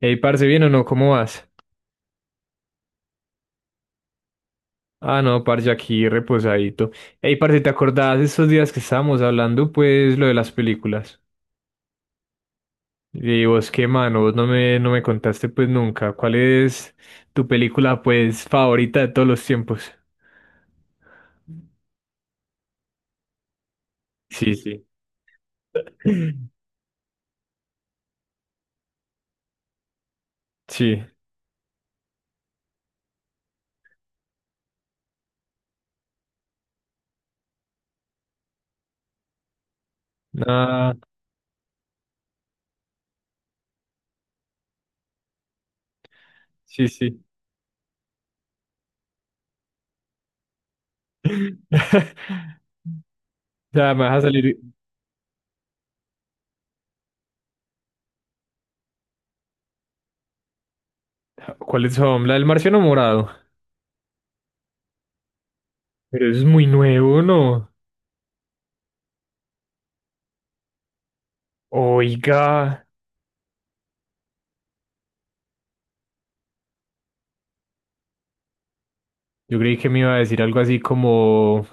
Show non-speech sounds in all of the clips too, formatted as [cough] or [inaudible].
Ey, parce, ¿bien o no? ¿Cómo vas? Ah, no, parce, aquí reposadito. Ey, parce, ¿te acordás de esos días que estábamos hablando, pues, lo de las películas? Y vos, qué mano, vos no me contaste, pues, nunca. ¿Cuál es tu película, pues, favorita de todos los tiempos? Sí, sí. Sí. Ah, sí, sí. [laughs] O sea, me vas a salir. ¿Cuáles son? La del Marciano Morado. Pero es muy nuevo, ¿no? Oiga. Yo creí que me iba a decir algo así como,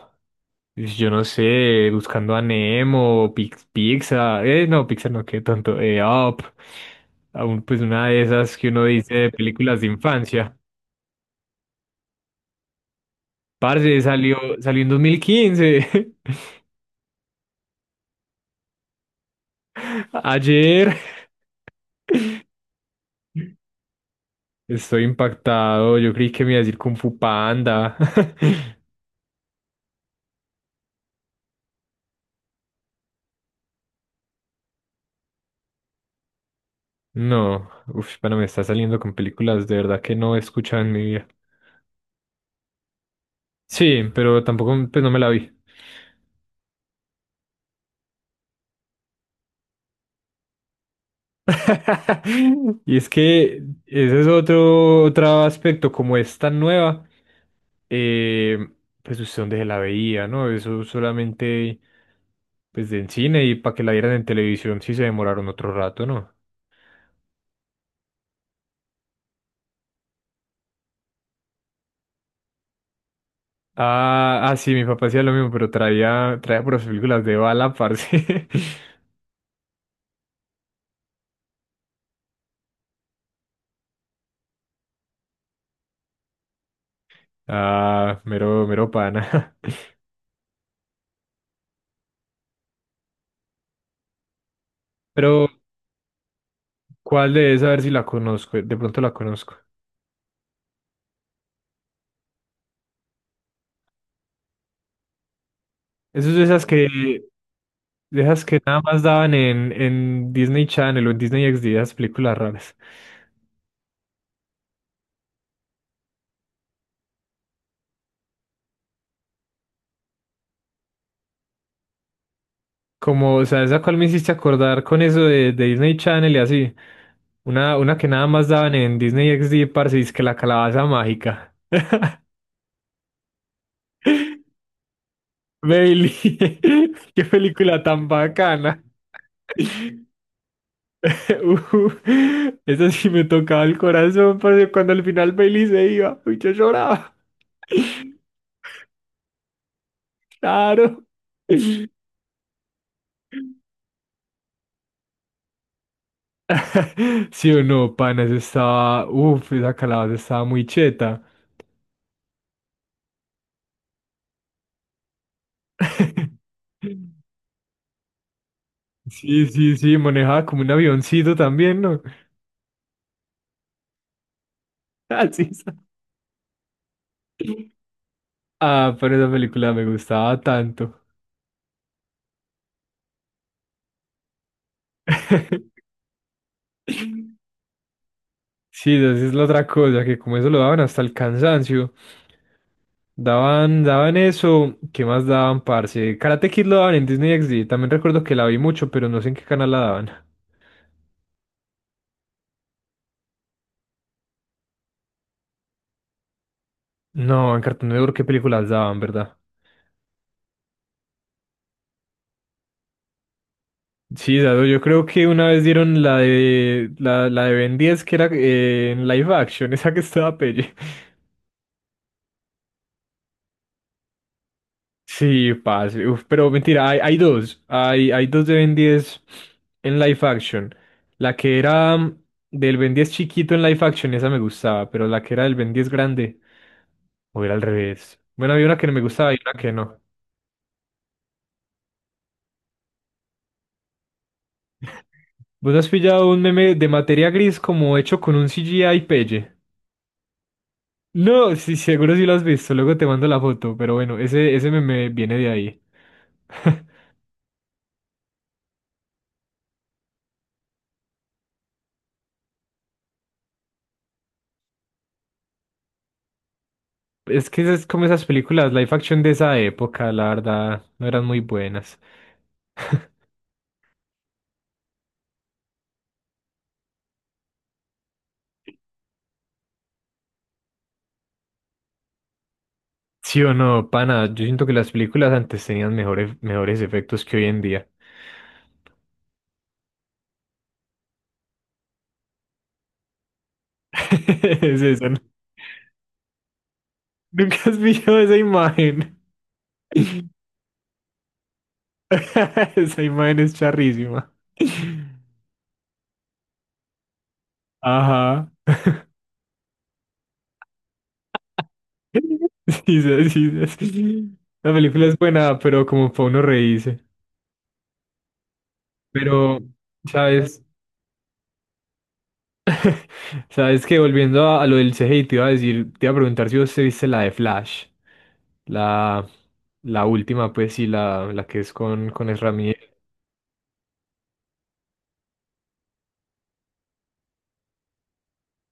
"Pues, yo no sé, buscando a Nemo, Pixar, no, Pixar no, qué tonto, Up, aún pues una de esas que uno dice de películas de infancia. Parce, salió en 2015 [laughs] ayer. Estoy impactado, yo creí que me iba a decir Kung Fu Panda. [laughs] No, uf, bueno, me está saliendo con películas de verdad que no he escuchado en mi vida. Sí, pero tampoco, pues no me la vi. [laughs] Y es que ese es otro, otro aspecto, como es tan nueva, eh, pues usted dónde se la veía, ¿no? Eso solamente pues en cine y para que la vieran en televisión sí se demoraron otro rato, ¿no? Ah, ah, sí, mi papá hacía lo mismo, pero traía por las películas de bala, parce. [laughs] Ah, mero, mero pana. [laughs] Pero, ¿cuál de esas? A ver si la conozco, de pronto la conozco. Eso de esas que nada más daban en Disney Channel o en Disney XD, esas películas raras. Como, o sea, esa cual me hiciste acordar con eso de Disney Channel y así. Una que nada más daban en Disney XD, parce, es que la calabaza mágica. [laughs] Bailey, [laughs] qué película tan bacana. [laughs] Uh, esa sí me tocaba el corazón, parce, cuando al final Bailey se iba, uy, yo lloraba. Claro. [laughs] Sí o no, pana, eso estaba. Uf, esa calabaza estaba muy cheta. [laughs] Sí, sí, sí, manejaba como un avioncito también, ¿no? [laughs] Así es. Ah, pero esa película me gustaba tanto. [laughs] Sí, esa es la otra cosa, que como eso lo daban hasta el cansancio. Daban eso, ¿qué más daban, parce? Karate Kid lo daban en Disney XD. También recuerdo que la vi mucho, pero no sé en qué canal la daban. No, en Cartoon Network qué películas daban, ¿verdad? Sí, dado, yo creo que una vez dieron la de la, la de Ben 10 que era en live action, [laughs] esa que estaba pelle. Sí, pase. Uf, pero mentira, hay dos. Hay dos de Ben 10 en live action. La que era del Ben 10 chiquito en live action, esa me gustaba, pero la que era del Ben 10 grande, o era al revés. Bueno, había una que no me gustaba y una que no. ¿Vos has pillado un meme de materia gris como hecho con un CGI pelle? No, sí, seguro sí lo has visto, luego te mando la foto, pero bueno, ese meme viene de ahí. [laughs] Es que es como esas películas live action de esa época, la verdad, no eran muy buenas. Sí o no, pana, yo siento que las películas antes tenían mejores, mejores efectos que hoy en día. [laughs] Es eso, ¿no? Nunca has visto esa imagen. [laughs] Esa imagen es charrísima. Ajá. [laughs] Sí, sí, sí, sí. La película es buena, pero como para uno reírse. Pero, ¿sabes? [laughs] ¿Sabes que Volviendo a lo del C CGI, te iba a decir, te iba a preguntar si vos te viste la de Flash, la, la última, pues sí, la que es con Ezra Miller.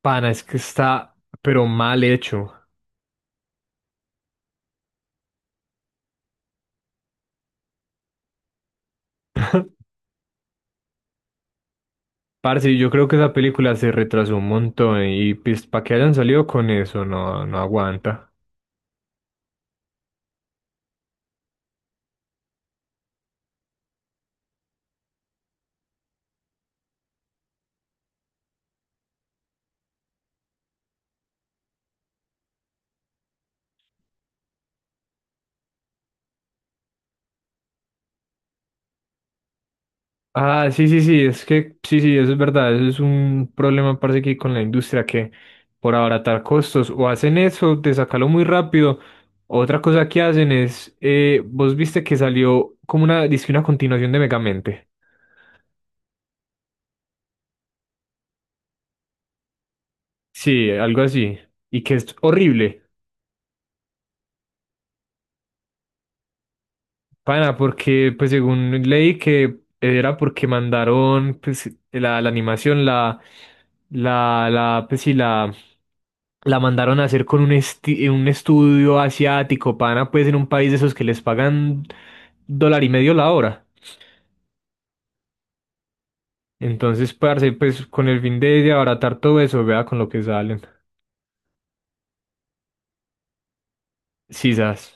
Pana, es que está, pero mal hecho. [laughs] Parce, yo creo que esa película se retrasó un montón y pues para que hayan salido con eso, no, no aguanta. Ah, sí, sí, sí, es que sí, sí, eso es verdad, eso es un problema, parece que hay con la industria que por abaratar costos o hacen eso de sacarlo muy rápido. Otra cosa que hacen es, vos viste que salió como una, dizque una continuación de Megamente. Sí, algo así, y que es horrible. Pana, porque pues según leí que era porque mandaron pues la animación, la, pues sí, la mandaron a hacer con un, un estudio asiático, pana, pues en un país de esos que les pagan dólar y medio la hora. Entonces, parce, pues con el fin de abaratar todo eso, vea con lo que salen. Sisas.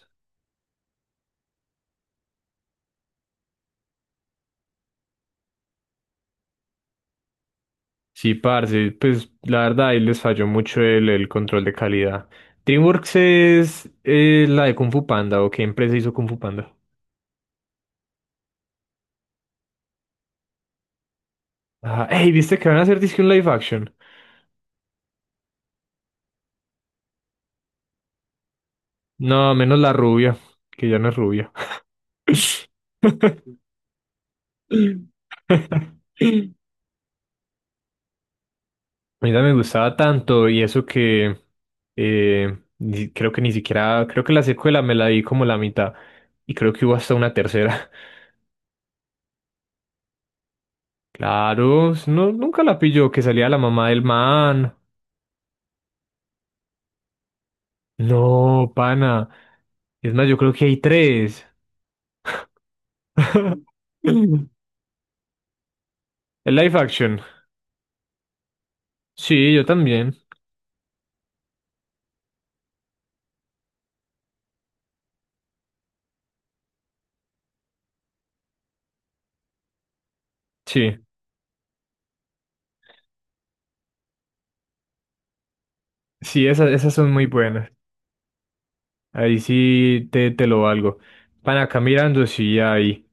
Sí, parce, pues la verdad ahí les falló mucho el control de calidad. DreamWorks es la de Kung Fu Panda, ¿o qué empresa hizo Kung Fu Panda? Ah, ey, ¿viste que van a hacer disque un live action? No, menos la rubia, que ya no es rubia. [laughs] Mira, me gustaba tanto y eso que creo que ni siquiera, creo que la secuela me la di como la mitad y creo que hubo hasta una tercera. Claro, no, nunca la pilló que salía la mamá del man. No, pana. Es más, yo creo que hay tres. [laughs] El live action. Sí, yo también. Sí, sí, esas, esas son muy buenas. Ahí sí te lo valgo. Van acá mirando, sí, hay,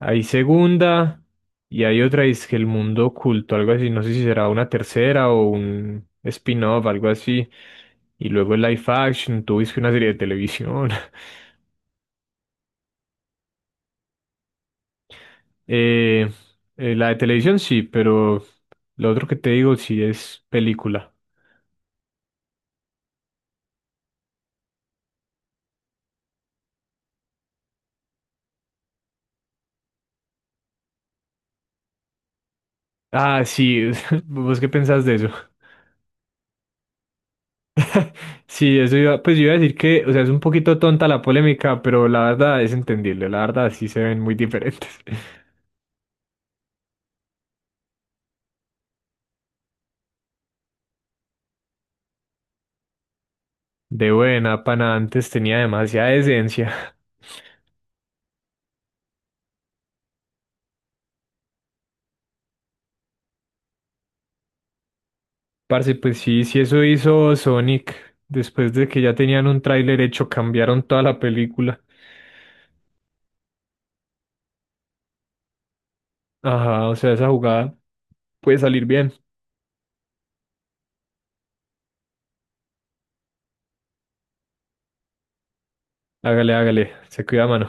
hay segunda y hay otra, es que el mundo oculto, algo así. No sé si será una tercera o un spin-off, algo así. Y luego el live action, tú viste una serie de televisión. [laughs] Eh, la de televisión sí, pero lo otro que te digo sí es película. Ah, sí, [laughs] ¿vos qué pensás de eso? Sí, eso iba, pues yo iba a decir que, o sea, es un poquito tonta la polémica, pero la verdad es entendible, la verdad sí se ven muy diferentes. [laughs] De buena, pana, antes tenía demasiada esencia. Parce, pues sí, sí eso hizo Sonic, después de que ya tenían un tráiler hecho, cambiaron toda la película. Ajá, o sea, esa jugada puede salir bien. Hágale, hágale, se cuida, mano.